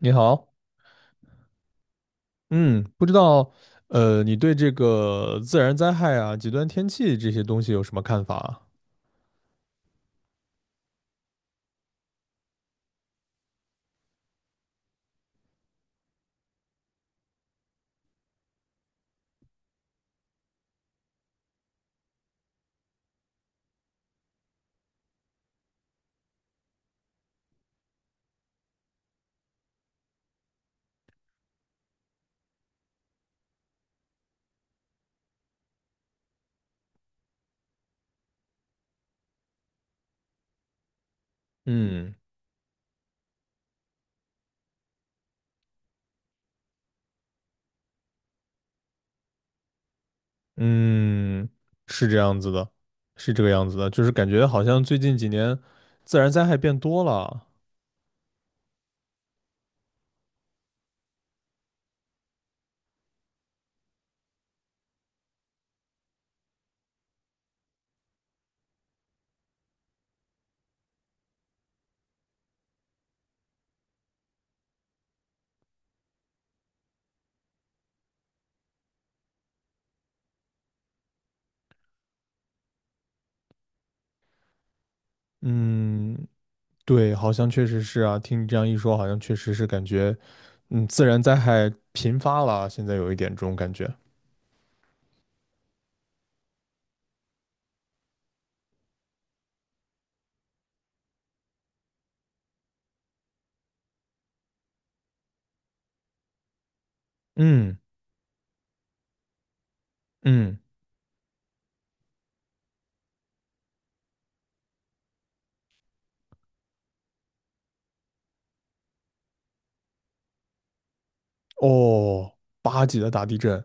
你好，嗯，不知道，你对这个自然灾害啊、极端天气这些东西有什么看法啊？嗯嗯，是这样子的，是这个样子的，就是感觉好像最近几年自然灾害变多了。嗯，对，好像确实是啊，听你这样一说，好像确实是感觉，自然灾害频发了，现在有一点这种感觉。嗯嗯，哦，八级的大地震，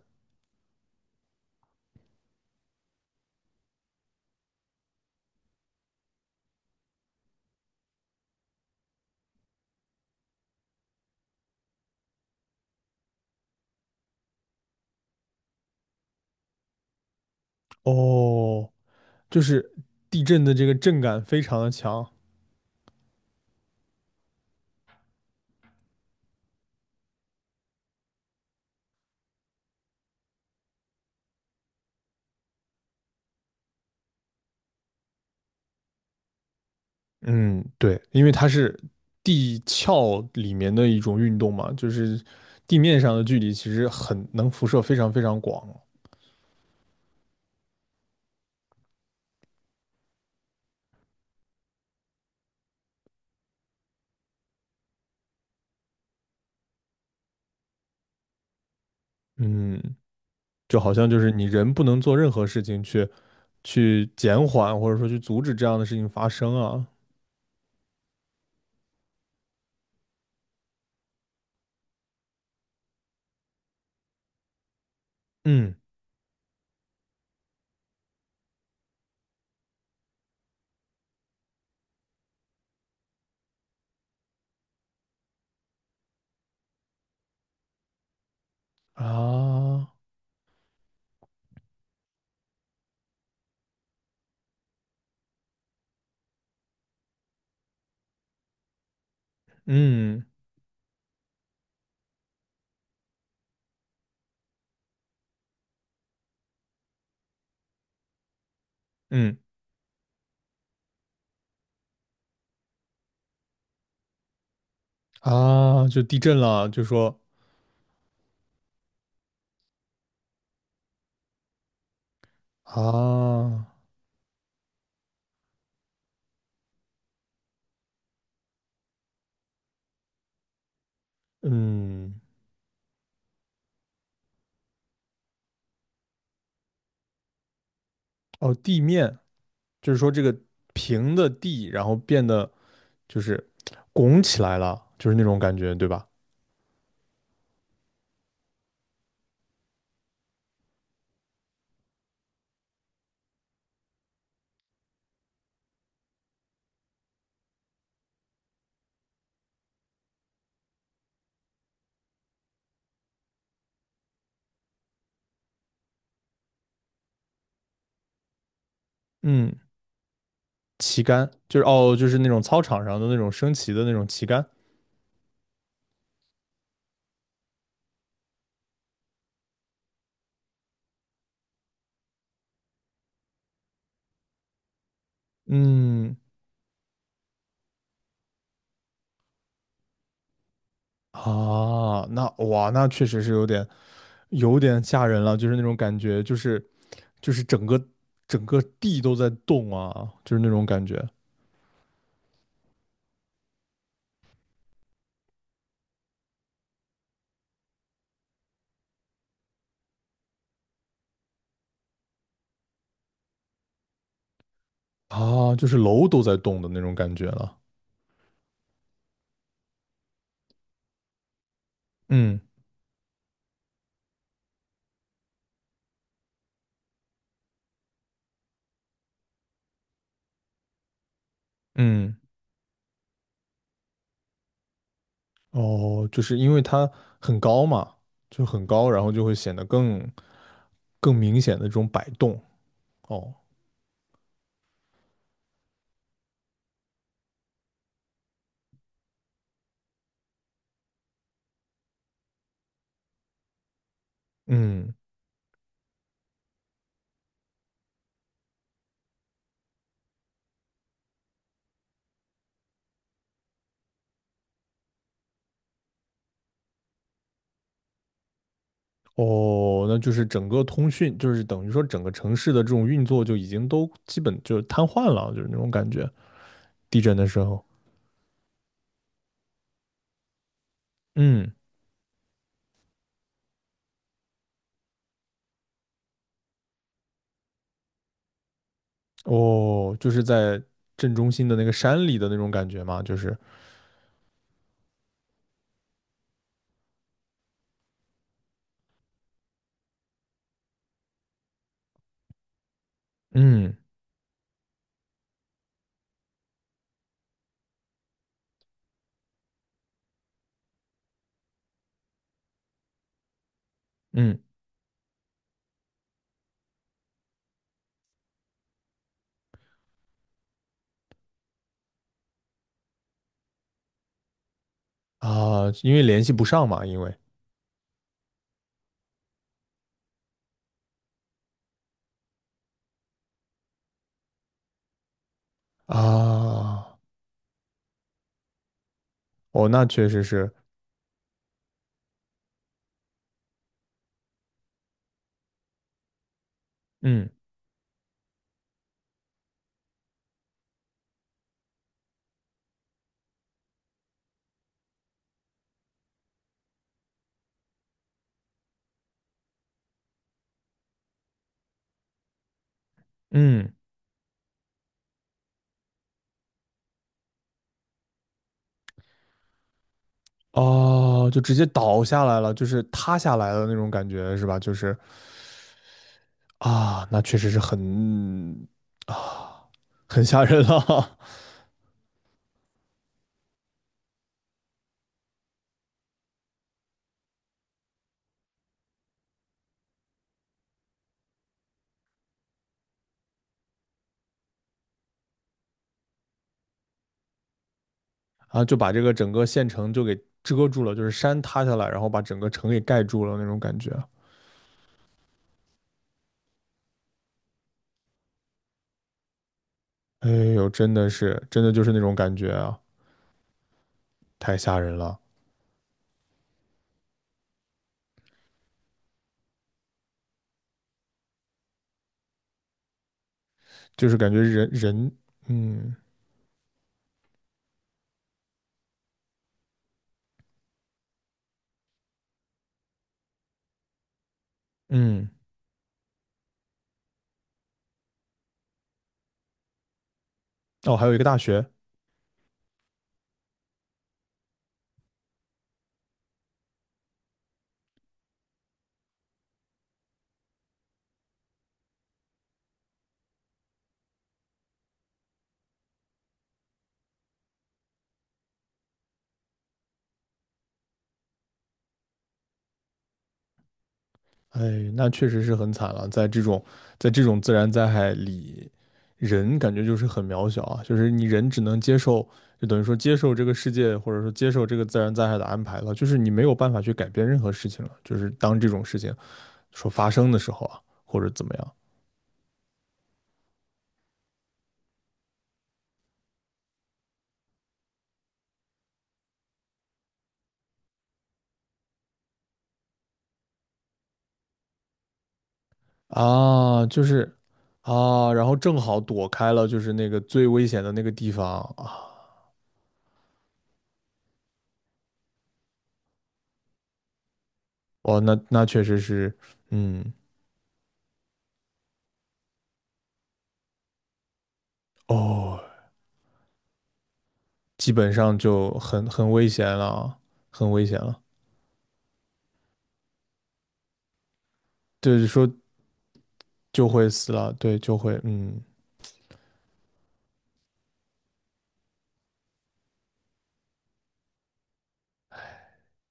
哦。就是地震的这个震感非常的强。嗯，对，因为它是地壳里面的一种运动嘛，就是地面上的距离其实很能辐射非常非常广。嗯，就好像就是你人不能做任何事情去减缓或者说去阻止这样的事情发生啊嗯啊嗯嗯，啊！就地震了，就说啊嗯哦地面就是说这个平的地，然后变得就是拱起来了，就是那种感觉，对吧？嗯，旗杆就是哦，就是那种操场上的那种升旗的那种旗杆。嗯啊，那哇，那确实是有点吓人了，就是那种感觉，就是整个地都在动啊，就是那种感觉啊，就是楼都在动的那种感觉了。嗯嗯哦，就是因为它很高嘛，就很高，然后就会显得更明显的这种摆动。哦，嗯，哦，那就是整个通讯，就是等于说整个城市的这种运作就已经都基本就是瘫痪了，就是那种感觉。地震的时候，嗯，哦，就是在镇中心的那个山里的那种感觉嘛，就是，嗯嗯啊，因为联系不上嘛，因为啊，哦，那确实是，嗯嗯。哦，就直接倒下来了，就是塌下来的那种感觉是吧？就是啊，那确实是很啊，很吓人了 啊，就把这个整个县城就给遮住了，就是山塌下来，然后把整个城给盖住了那种感觉。哎呦，真的是，真的就是那种感觉啊，太吓人了，就是感觉人人，嗯嗯，哦，还有一个大学，哎，那确实是很惨了，在这种自然灾害里，人感觉就是很渺小啊，就是你人只能接受，就等于说接受这个世界，或者说接受这个自然灾害的安排了，就是你没有办法去改变任何事情了，就是当这种事情说发生的时候啊，或者怎么样啊，就是啊，然后正好躲开了就是那个最危险的那个地方啊，哦，那确实是，嗯，哦，基本上就很危险了啊，很危险了。对，说就会死了，对，就会，嗯，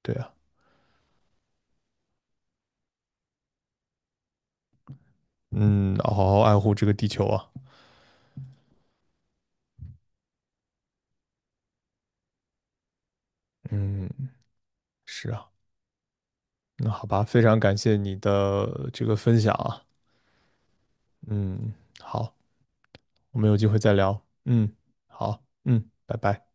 对啊，嗯，好好爱护这个地球啊，嗯，是啊，那好吧，非常感谢你的这个分享啊，嗯，好，我们有机会再聊，嗯，好，嗯，拜拜。